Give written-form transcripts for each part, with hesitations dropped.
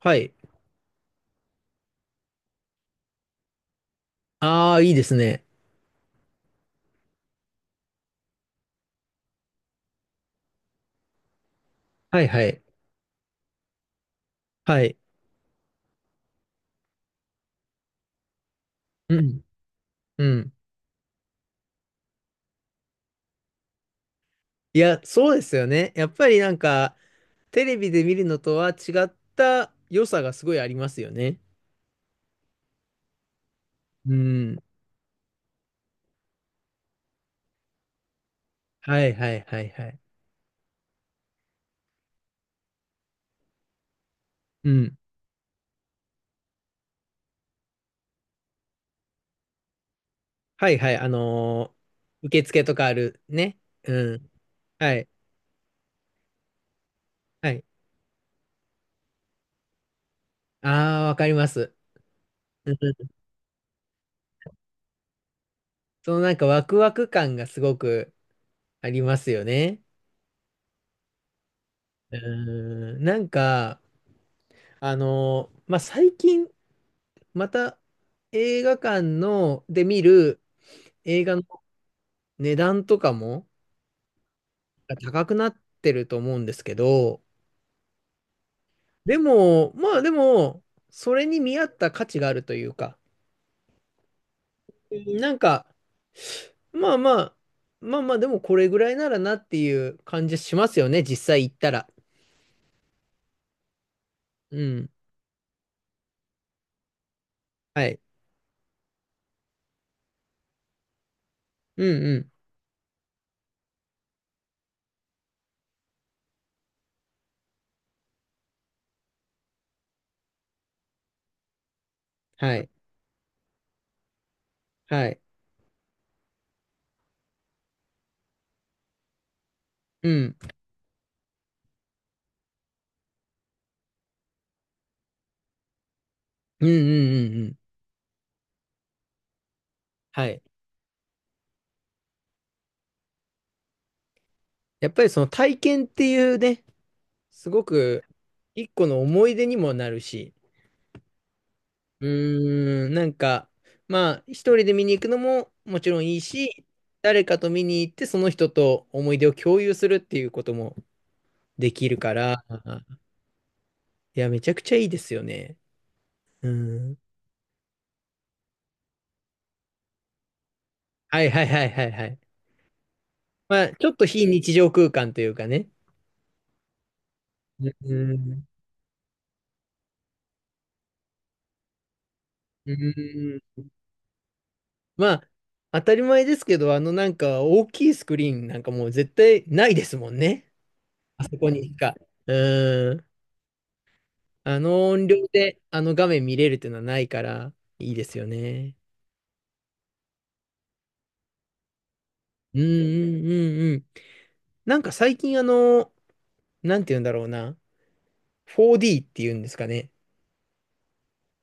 はい。ああ、いいですね。はいはい。はい。うん。うん。いや、そうですよね。やっぱりなんか、テレビで見るのとは違った良さがすごいありますよね。うん。はいはいはいはい。うん。はいはい。受付とかあるね。うん。はい。はい。ああ、わかります。うん、そのなんかワクワク感がすごくありますよね。うん。なんか、まあ、最近、また映画館ので見る映画の値段とかも高くなってると思うんですけど、でも、まあ、それに見合った価値があるというか、なんか、まあまあ、まあまあ、でもこれぐらいならなっていう感じしますよね、実際行ったら。うん。はい。うんうん。はい。はい。うん。うんうんうんうん。はい。やっぱりその体験っていうね、すごく一個の思い出にもなるし、うーん、なんか、まあ、一人で見に行くのももちろんいいし、誰かと見に行ってその人と思い出を共有するっていうこともできるから、いや、めちゃくちゃいいですよね。うん。はいはいはいはいはい。まあ、ちょっと非日常空間というかね。うん。うん。まあ、当たり前ですけど、なんか大きいスクリーンなんかもう絶対ないですもんね。あそこにしか。うん。あの音量であの画面見れるっていうのはないから、いいですよね。うんうんうんうん。なんか最近なんて言うんだろうな。4D っていうんですかね。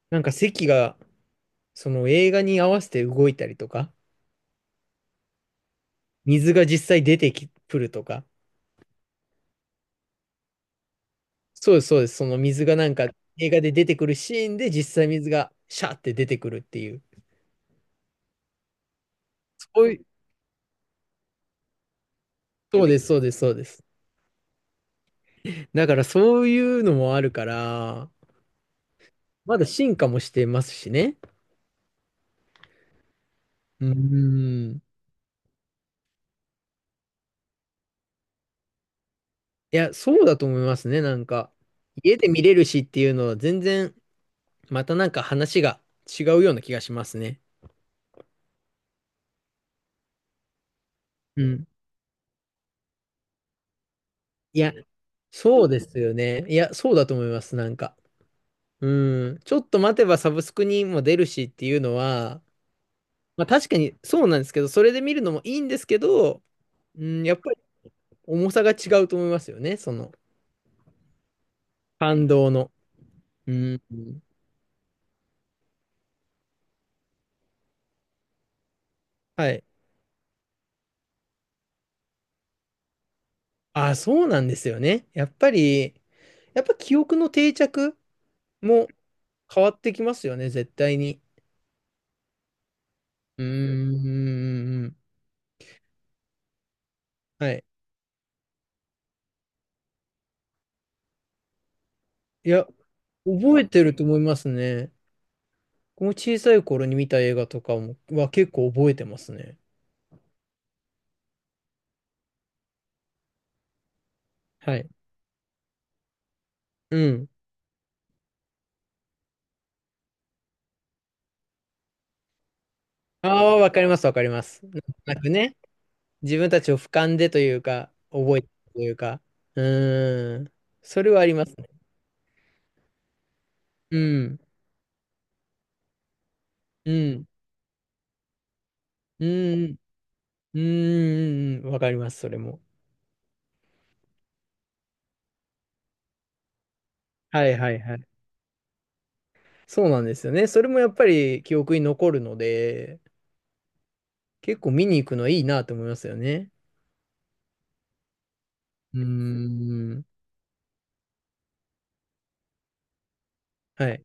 なんか席が、その映画に合わせて動いたりとか、水が実際出てき、くるとか。そうです、そうです。その水がなんか映画で出てくるシーンで実際水がシャーって出てくるっていう。そういう、そうです、そうです、そうです。だからそういうのもあるから、まだ進化もしてますしね。うーん。いや、そうだと思いますね。なんか、家で見れるしっていうのは全然、またなんか話が違うような気がしますね。うん。いや、そうですよね。いや、そうだと思います。なんか。うん。ちょっと待てばサブスクにも出るしっていうのは、まあ確かにそうなんですけど、それで見るのもいいんですけど、うん、やっぱり重さが違うと思いますよね。その、感動の。うん。はい。あ、そうなんですよね。やっぱり、やっぱ記憶の定着も変わってきますよね、絶対に。うーん。はい。いや、覚えてると思いますね。この小さい頃に見た映画とかもは結構覚えてますね。はい。うん。ああ、わかります、わかります。なんかね、自分たちを俯瞰でというか、覚えてるというか。うーん。それはありますね。うん。うん。うん。うん。うん。うん、わかります、それも。はいはいはい。そうなんですよね。それもやっぱり記憶に残るので、結構見に行くのいいなと思いますよね。うーん。はい。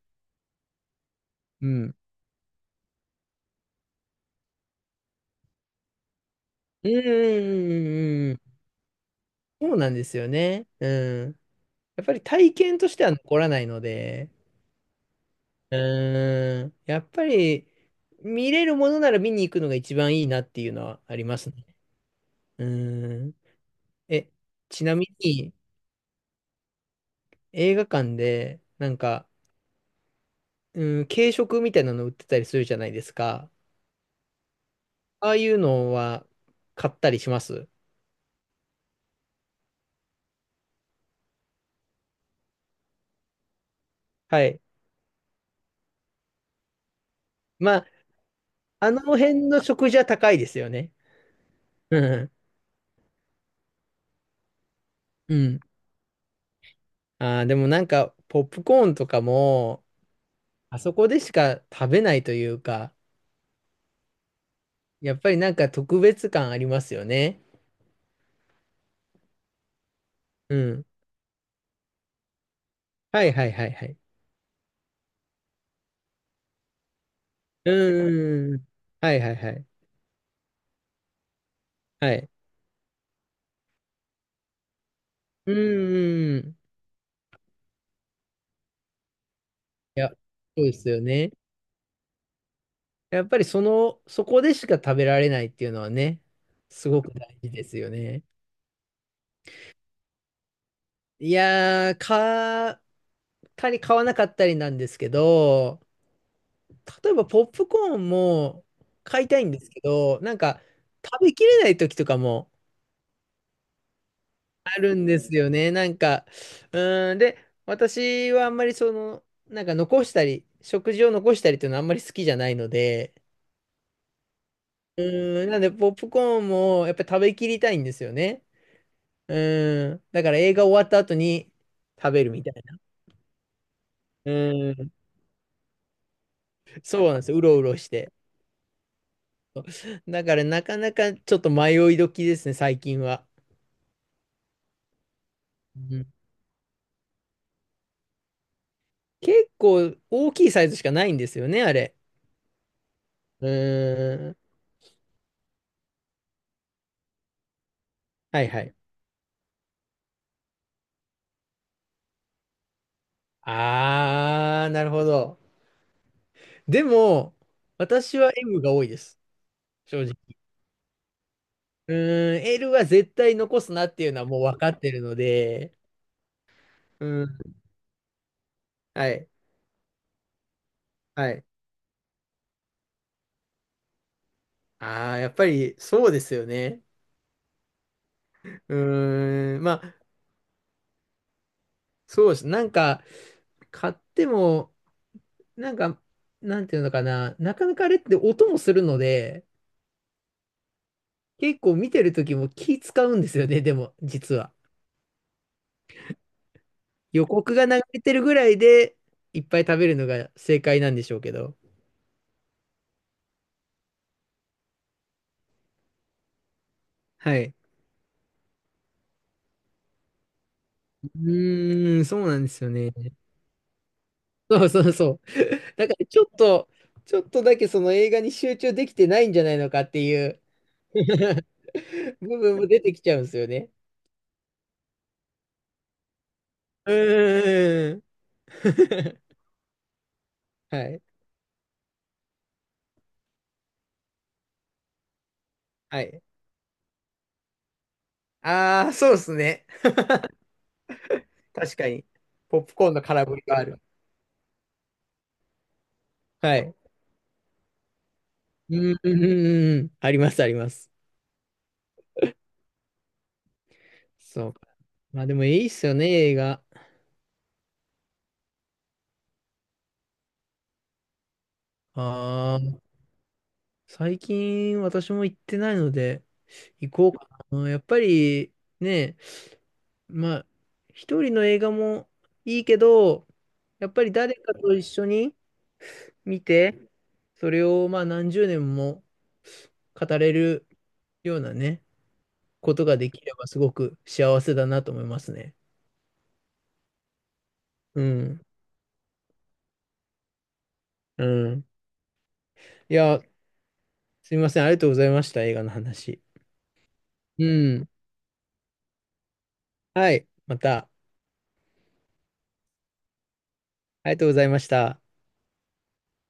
うん。うーん。そうなんですよね。うん。やっぱり体験としては残らないので、うーん。やっぱり見れるものなら見に行くのが一番いいなっていうのはありますね。うーん。え、ちなみに映画館でなんか、うん、軽食みたいなの売ってたりするじゃないですか。ああいうのは買ったりします？はい。まあ、あの辺の食事は高いですよね。うん。うん。ああ、でもなんか、ポップコーンとかも、あそこでしか食べないというか、やっぱりなんか特別感ありますよね。うん。はいはいはいはい。うーん。はいはいはい。はい。うーん。いや、そうですよね。やっぱりその、そこでしか食べられないっていうのはね、すごく大事ですよね。いやー、たり買わなかったりなんですけど、例えばポップコーンも買いたいんですけど、なんか食べきれない時とかもあるんですよね。なんか、うーん、で、私はあんまりその、なんか残したり、食事を残したりっていうのはあんまり好きじゃないので、うーん、なんでポップコーンもやっぱり食べきりたいんですよね。うーん、だから映画終わった後に食べるみたいな。うーん、そうなんですよ。うろうろして。だからなかなかちょっと迷い時ですね、最近は。うん。結構大きいサイズしかないんですよね、あれ。うーん。はいはい。あー、なるほど。でも、私は M が多いです。正直。うーん、L は絶対残すなっていうのはもう分かってるので。うん。はい。はい。ああ、やっぱりそうですよね。うーん。まあ、そうです。なんか、買っても、なんか、なんていうのかな、なかなかあれって音もするので、結構見てる時も気使うんですよね、でも、実は。予告が流れてるぐらいで、いっぱい食べるのが正解なんでしょうけど。はい。うーん、そうなんですよね。そうそうそう。だからちょっとだけその映画に集中できてないんじゃないのかっていう 部分も出てきちゃうんですよね。うーん。はい。はい。ああ、そうですね。確かに。ポップコーンの空振りがある。はい。うん、うん、うん、うん。あります、あります。そうか。まあでもいいっすよね、映画。ああ、最近私も行ってないので、行こうかな。やっぱりね、まあ、一人の映画もいいけど、やっぱり誰かと一緒に見て、それをまあ何十年も語れるようなね、ことができればすごく幸せだなと思いますね。うん。うん。いや、すみません。ありがとうございました。映画の話。うん。はい。また。ありがとうございました。